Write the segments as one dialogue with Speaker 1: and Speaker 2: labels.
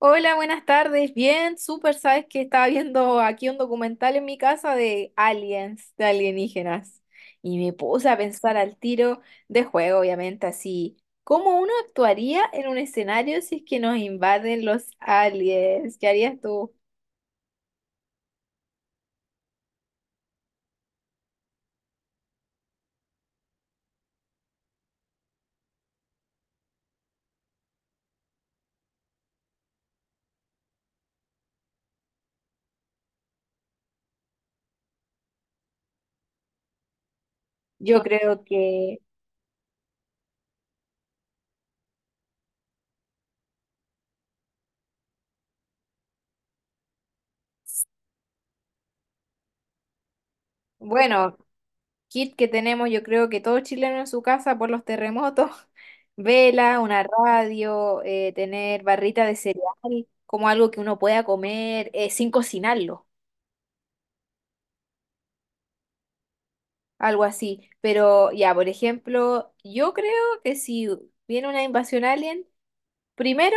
Speaker 1: Hola, buenas tardes. Bien, súper. Sabes que estaba viendo aquí un documental en mi casa de aliens, de alienígenas. Y me puse a pensar al tiro de juego, obviamente, así. ¿Cómo uno actuaría en un escenario si es que nos invaden los aliens? ¿Qué harías tú? Yo creo que, bueno, kit que tenemos, yo creo que todo chileno en su casa por los terremotos, vela, una radio, tener barrita de cereal, como algo que uno pueda comer sin cocinarlo, algo así. Pero ya, por ejemplo, yo creo que si viene una invasión alien, primero,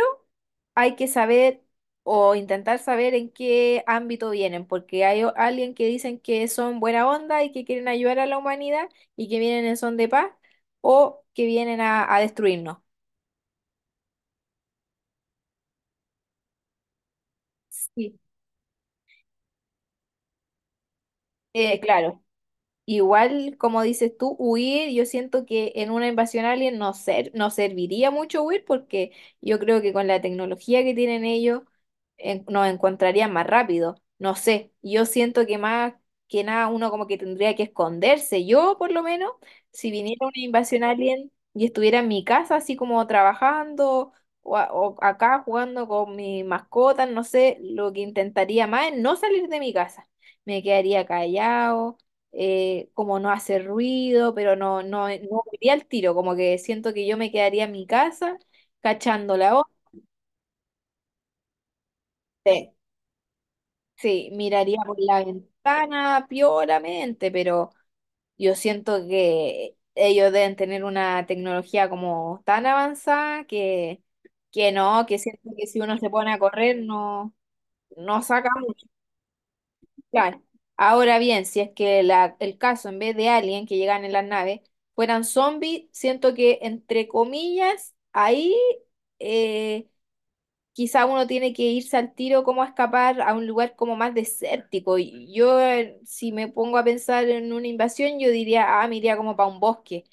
Speaker 1: hay que saber o intentar saber en qué ámbito vienen, porque hay alguien que dicen que son buena onda y que quieren ayudar a la humanidad y que vienen en son de paz o que vienen a destruirnos. Sí. Claro. Igual, como dices tú, huir, yo siento que en una invasión alien no serviría mucho huir porque yo creo que con la tecnología que tienen ellos nos encontrarían más rápido. No sé, yo siento que más que nada uno como que tendría que esconderse. Yo, por lo menos, si viniera una invasión alien y estuviera en mi casa así como trabajando o, o acá jugando con mi mascota, no sé, lo que intentaría más es no salir de mi casa. Me quedaría callado, como no hacer ruido, pero no, no, no iría al tiro, como que siento que yo me quedaría en mi casa cachando la onda. Sí, sí, miraría por la ventana pioramente, pero yo siento que ellos deben tener una tecnología como tan avanzada que no, que siento que si uno se pone a correr no, no saca. Claro. Ahora bien, si es que el caso, en vez de alien que llegan en las naves, fueran zombies, siento que, entre comillas, ahí eh, quizá uno tiene que irse al tiro como a escapar a un lugar como más desértico. Y yo, si me pongo a pensar en una invasión, yo diría, ah, me iría como para un bosque.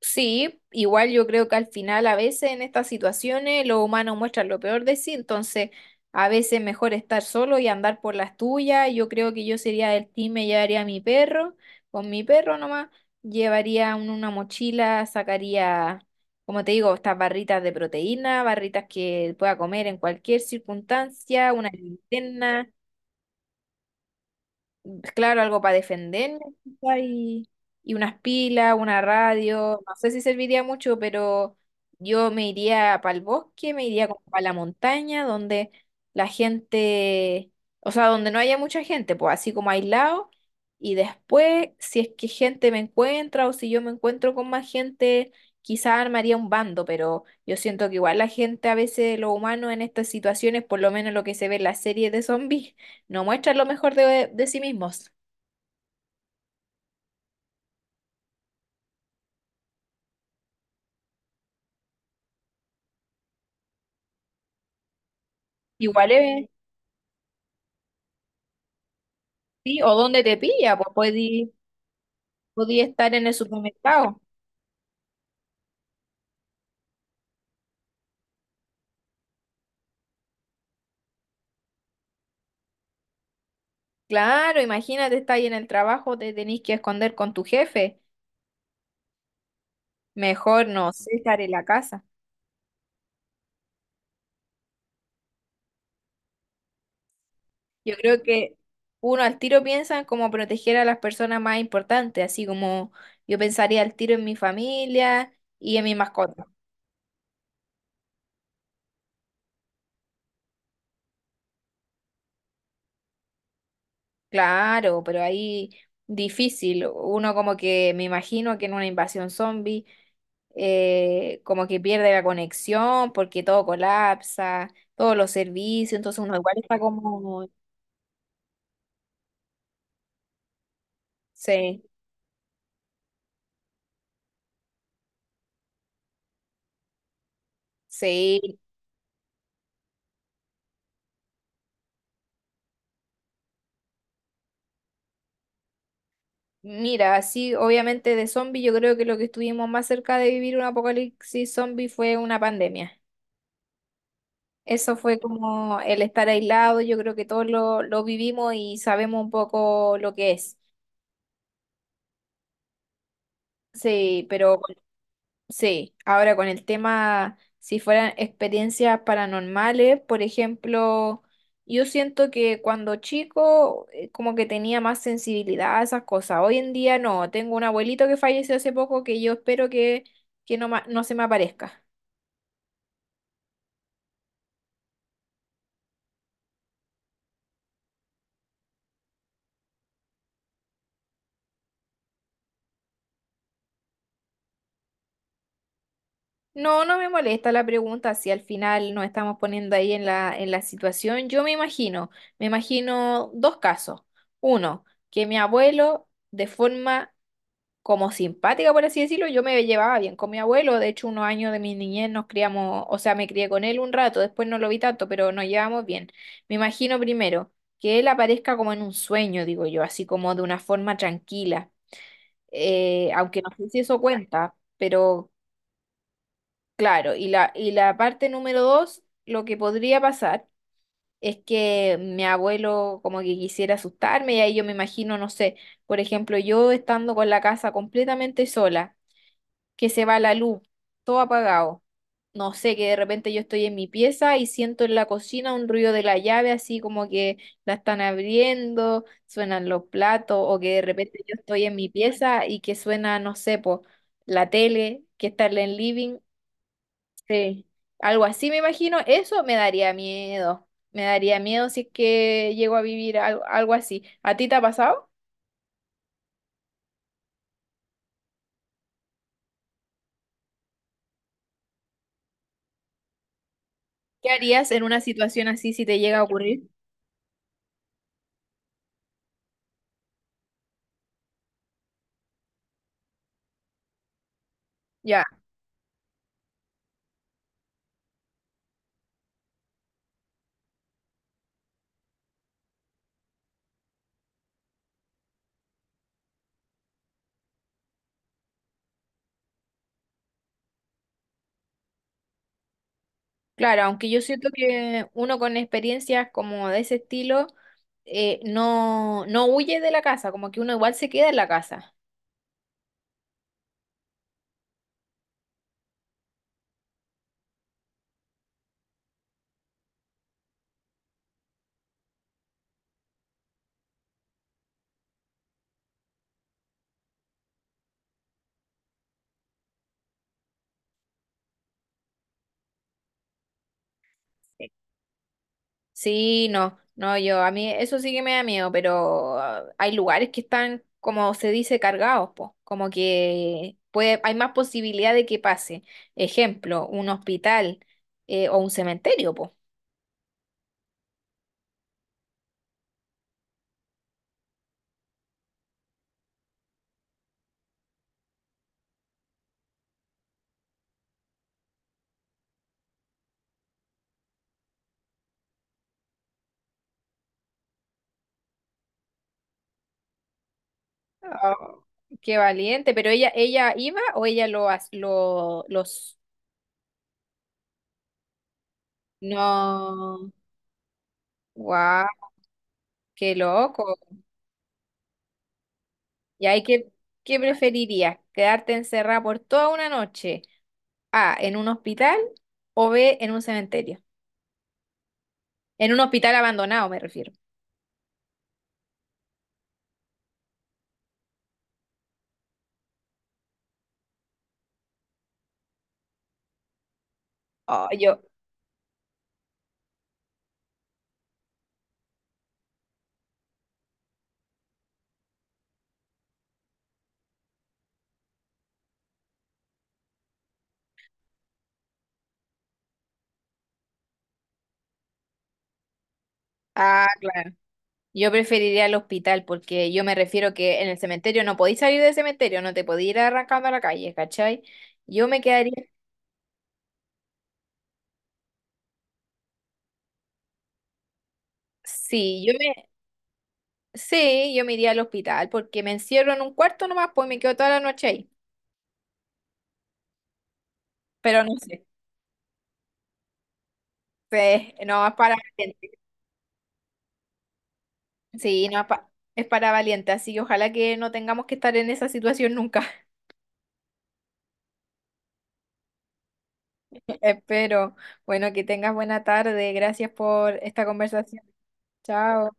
Speaker 1: Sí, igual yo creo que al final a veces en estas situaciones los humanos muestran lo peor de sí, entonces a veces mejor estar solo y andar por las tuyas. Yo creo que yo sería del team, me llevaría a mi perro, con mi perro nomás, llevaría una mochila, sacaría, como te digo, estas barritas de proteína, barritas que pueda comer en cualquier circunstancia, una linterna, claro, algo para defenderme quizá, y unas pilas, una radio, no sé si serviría mucho, pero yo me iría para el bosque, me iría como para la montaña, donde la gente, o sea, donde no haya mucha gente, pues así como aislado, y después, si es que gente me encuentra o si yo me encuentro con más gente, quizá armaría un bando, pero yo siento que igual la gente, a veces los humanos en estas situaciones, por lo menos lo que se ve en las series de zombies, no muestran lo mejor de sí mismos. Igual es, sí, o donde te pilla, pues podí estar en el supermercado. Claro, imagínate, estar ahí en el trabajo, te tenés que esconder con tu jefe. Mejor no sé, estar en la casa. Yo creo que uno al tiro piensa en cómo proteger a las personas más importantes, así como yo pensaría al tiro en mi familia y en mi mascota. Claro, pero ahí difícil. Uno como que me imagino que en una invasión zombie como que pierde la conexión porque todo colapsa, todos los servicios, entonces uno igual está como... Sí, sí. Mira, así obviamente de zombie yo creo que lo que estuvimos más cerca de vivir un apocalipsis zombie fue una pandemia. Eso fue como el estar aislado, yo creo que todos lo vivimos y sabemos un poco lo que es. Sí, pero sí, ahora con el tema, si fueran experiencias paranormales, por ejemplo, yo siento que cuando chico como que tenía más sensibilidad a esas cosas. Hoy en día no, tengo un abuelito que falleció hace poco que yo espero que no, no se me aparezca. No, no me molesta la pregunta si al final nos estamos poniendo ahí en en la situación. Yo me imagino dos casos. Uno, que mi abuelo de forma como simpática, por así decirlo, yo me llevaba bien con mi abuelo. De hecho, unos años de mi niñez nos criamos, o sea, me crié con él un rato, después no lo vi tanto, pero nos llevamos bien. Me imagino primero que él aparezca como en un sueño, digo yo, así como de una forma tranquila, aunque no sé si eso cuenta, pero claro. Y la parte número dos, lo que podría pasar. Es que mi abuelo como que quisiera asustarme y ahí yo me imagino, no sé, por ejemplo, yo estando con la casa completamente sola, que se va la luz, todo apagado. No sé, que de repente yo estoy en mi pieza y siento en la cocina un ruido de la llave, así como que la están abriendo, suenan los platos, o que de repente yo estoy en mi pieza y que suena, no sé, po, la tele, que está en el living. Sí, algo así me imagino, eso me daría miedo. Me daría miedo si es que llego a vivir algo, así. ¿A ti te ha pasado? ¿Qué harías en una situación así si te llega a ocurrir? Ya. Claro, aunque yo siento que uno con experiencias como de ese estilo, no, no huye de la casa, como que uno igual se queda en la casa. Sí. Sí, no, no, yo, a mí eso sí que me da miedo, pero ah, hay lugares que están, como se dice, cargados, po, como que puede, hay más posibilidad de que pase. Ejemplo, un hospital, o un cementerio, po. Ah, qué valiente, pero ella iba o ella lo, lo, los... No. Wow. Qué loco. ¿Y ahí qué, qué preferirías? ¿Quedarte encerrada por toda una noche? A, en un hospital o B, en un cementerio. En un hospital abandonado, me refiero. Oh, yo, ah, claro. Yo preferiría el hospital porque yo me refiero que en el cementerio no podéis salir del cementerio, no te podéis ir arrancando a la calle, ¿cachai? Yo me quedaría, sí, yo me, sí, yo me iría al hospital porque me encierro en un cuarto nomás, pues me quedo toda la noche ahí. Pero no sé, pues, no es para... Sí, no, es para valientes así que ojalá que no tengamos que estar en esa situación nunca. Espero. Bueno, que tengas buena tarde. Gracias por esta conversación. Chao.